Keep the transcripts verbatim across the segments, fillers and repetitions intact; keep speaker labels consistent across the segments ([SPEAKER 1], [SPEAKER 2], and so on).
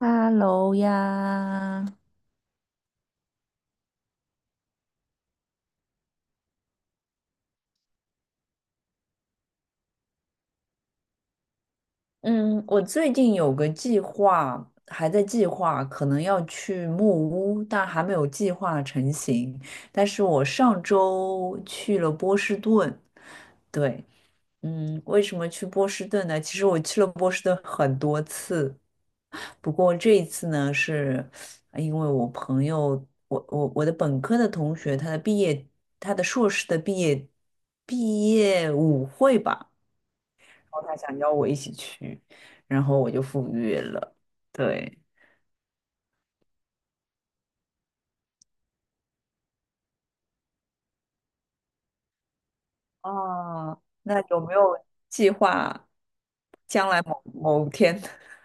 [SPEAKER 1] 哈喽呀，嗯，我最近有个计划，还在计划，可能要去木屋，但还没有计划成型。但是我上周去了波士顿，对，嗯，为什么去波士顿呢？其实我去了波士顿很多次，不过这一次呢，是因为我朋友，我我我的本科的同学，他的毕业，他的硕士的毕业毕业舞会吧。然后他想邀我一起去，然后我就赴约了。对，哦，那有没有计划将来某某天？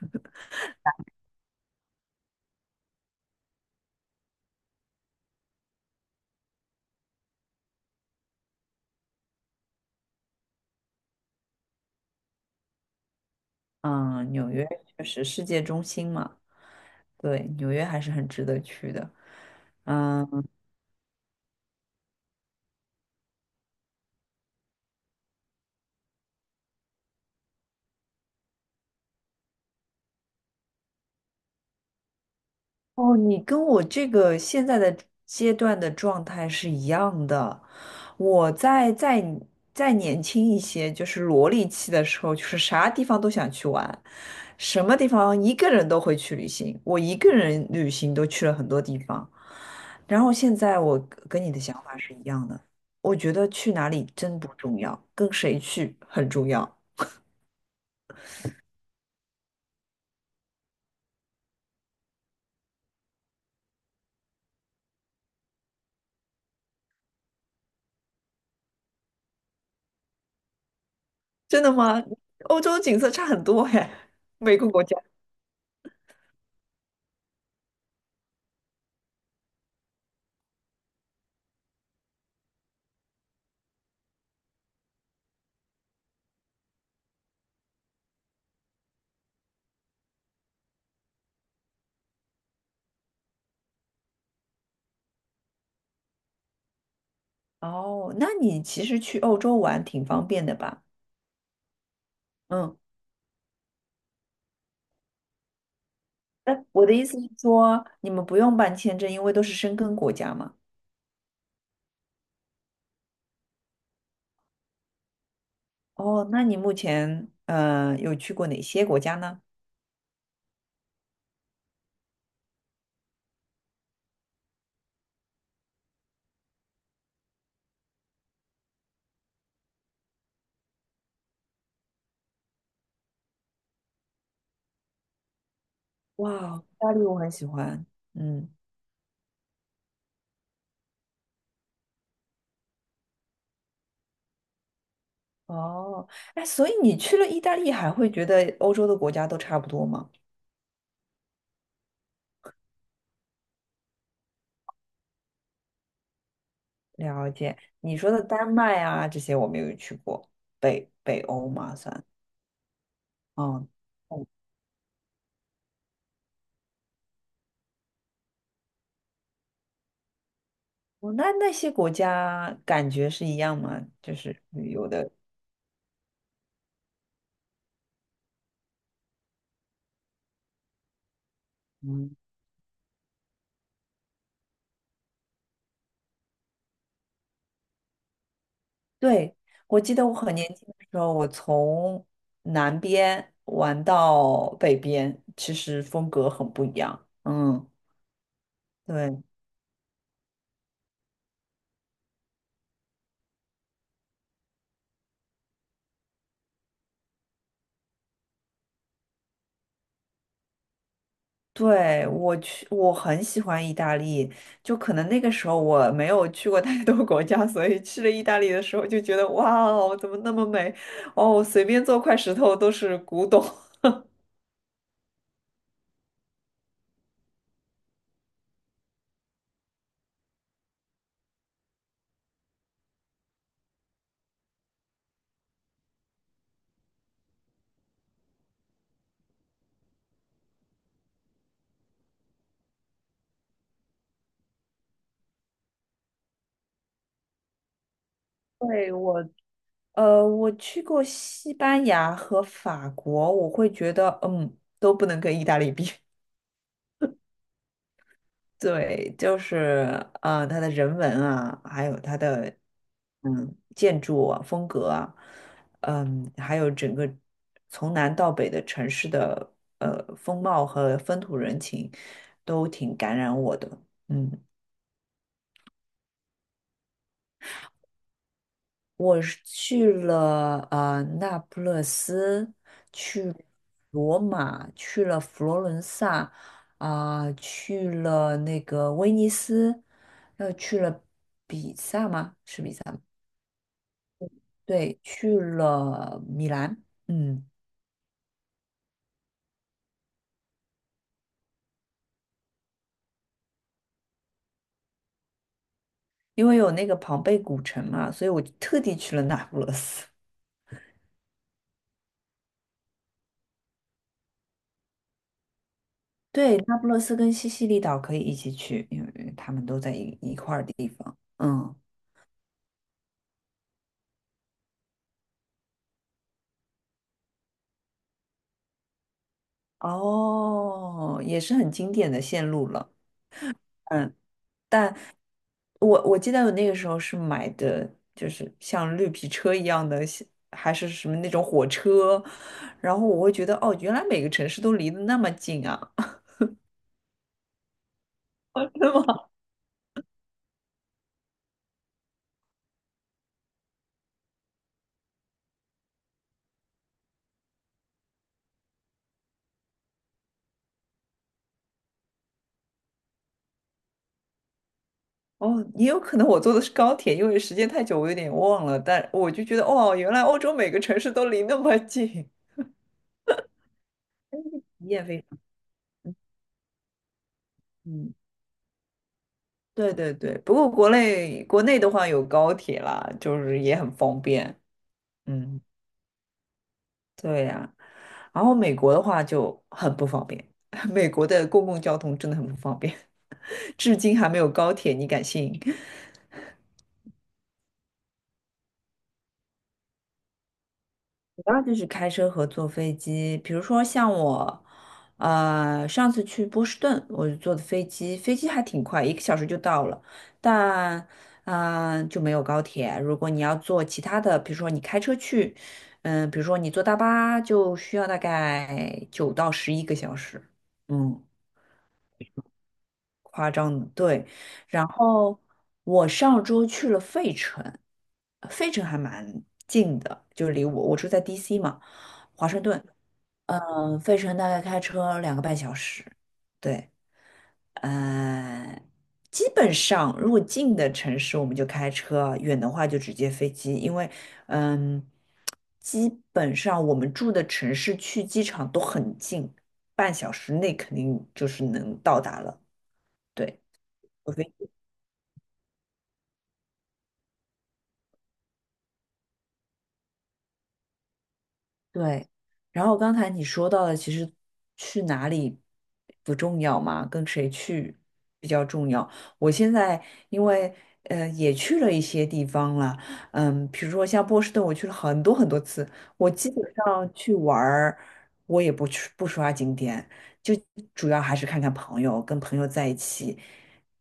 [SPEAKER 1] 嗯，纽约就是世界中心嘛，对，纽约还是很值得去的。嗯。哦，你跟我这个现在的阶段的状态是一样的。我在在再再再年轻一些，就是萝莉期的时候，就是啥地方都想去玩，什么地方一个人都会去旅行。我一个人旅行都去了很多地方。然后现在我跟你的想法是一样的，我觉得去哪里真不重要，跟谁去很重要。真的吗？欧洲景色差很多哎，每个国家。哦，那你其实去欧洲玩挺方便的吧？嗯，那我的意思是说，你们不用办签证，因为都是申根国家嘛。哦，那你目前呃有去过哪些国家呢？哇，意大利我很喜欢。嗯，哦，哎，所以你去了意大利，还会觉得欧洲的国家都差不多吗？了解，你说的丹麦啊，这些我没有去过，北北欧嘛算。哦，哦，那那些国家感觉是一样吗？就是旅游的，嗯，对，我记得我很年轻的时候，我从南边玩到北边，其实风格很不一样。嗯，对，对，我去，我很喜欢意大利，就可能那个时候我没有去过太多国家，所以去了意大利的时候就觉得哇哦，怎么那么美？哦，随便做块石头都是古董。对，我呃，我去过西班牙和法国，我会觉得，嗯，都不能跟意大利比。对，就是呃，它的人文啊，还有它的嗯建筑啊、风格啊，嗯，还有整个从南到北的城市的呃风貌和风土人情，都挺感染我的。嗯。我是去了呃那不勒斯，去罗马，去了佛罗伦萨，啊、去了那个威尼斯，又去了比萨吗？是比萨？对，去了米兰。嗯，因为有那个庞贝古城嘛，所以我就特地去了那不勒斯。对，那不勒斯跟西西里岛可以一起去，因为他们都在一一块儿地方。嗯，哦，也是很经典的线路了。嗯，但我我记得我那个时候是买的，就是像绿皮车一样的，像还是什么那种火车，然后我会觉得，哦，原来每个城市都离得那么近啊，真的吗？哦，也有可能我坐的是高铁，因为时间太久，我有点忘了，但我就觉得，哦，原来欧洲每个城市都离那么近，体验非常，嗯，对对对。不过国内国内的话有高铁啦，就是也很方便，嗯，对呀。然后美国的话就很不方便，美国的公共交通真的很不方便，至今还没有高铁，你敢信？主要就是开车和坐飞机，比如说像我，呃，上次去波士顿，我就坐的飞机，飞机还挺快，一个小时就到了，但，嗯、就没有高铁。如果你要坐其他的，比如说你开车去，嗯、比如说你坐大巴，就需要大概九到十一个小时，嗯。夸张的，对。然后我上周去了费城，呃费城还蛮近的，就是离我我住在 D C 嘛，华盛顿。嗯、费城大概开车两个半小时。对，呃，基本上如果近的城市我们就开车，远的话就直接飞机，因为嗯，基本上我们住的城市去机场都很近，半小时内肯定就是能到达了。对。对，然后刚才你说到的，其实去哪里不重要嘛，跟谁去比较重要。我现在因为呃也去了一些地方了，嗯，比如说像波士顿，我去了很多很多次。我基本上去玩儿，我也不去不刷景点，就主要还是看看朋友，跟朋友在一起，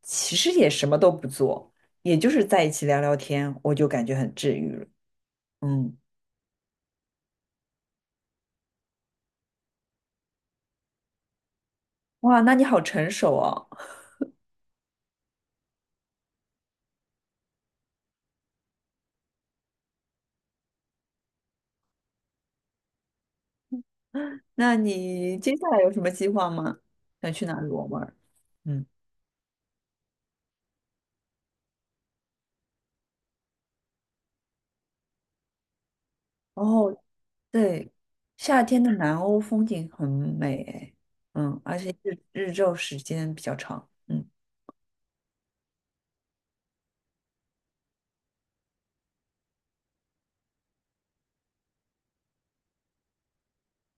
[SPEAKER 1] 其实也什么都不做，也就是在一起聊聊天，我就感觉很治愈了。嗯，哇，那你好成熟哦。那你接下来有什么计划吗？想去哪里玩玩？嗯，哦，对，夏天的南欧风景很美诶嗯，而且日日照时间比较长，嗯，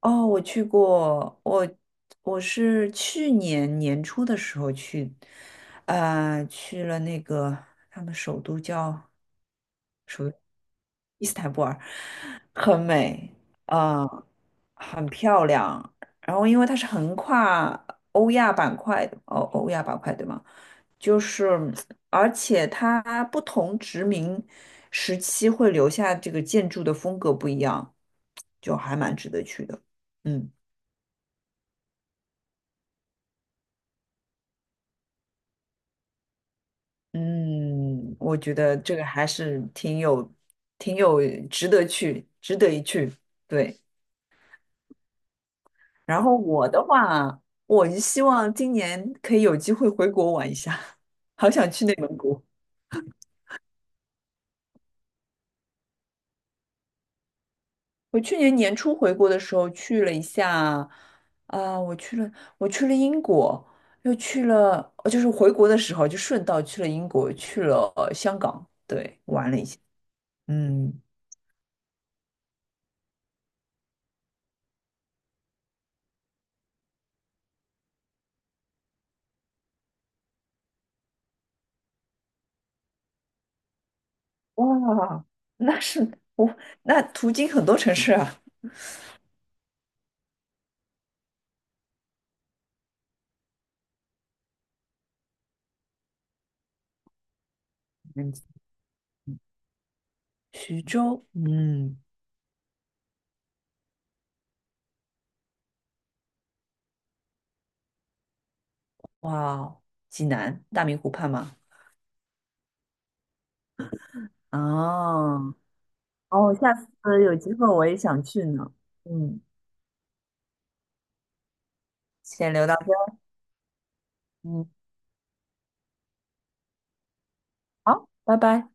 [SPEAKER 1] 哦，我去过，我我是去年年初的时候去，呃，去了那个他们首都叫伊斯坦布尔很美，啊、很漂亮。然后因为它是横跨欧亚板块，的，哦，欧亚板块对吗？就是，而且它不同殖民时期会留下这个建筑的风格不一样，就还蛮值得去的。嗯嗯，我觉得这个还是挺有、挺有值得去、值得一去。对。然后我的话，我是希望今年可以有机会回国玩一下，好想去内蒙古。我去年年初回国的时候去了一下，啊、我去了，我去了英国，又去了，呃就是回国的时候就顺道去了英国，去了呃香港，对，哇嗯，哇，那是我那途经很多城市啊，嗯，徐州，嗯，哇哦，济南大明湖畔嘛，啊。哦，下次有机会我也想去呢。嗯，先留到这儿。嗯，好，拜拜。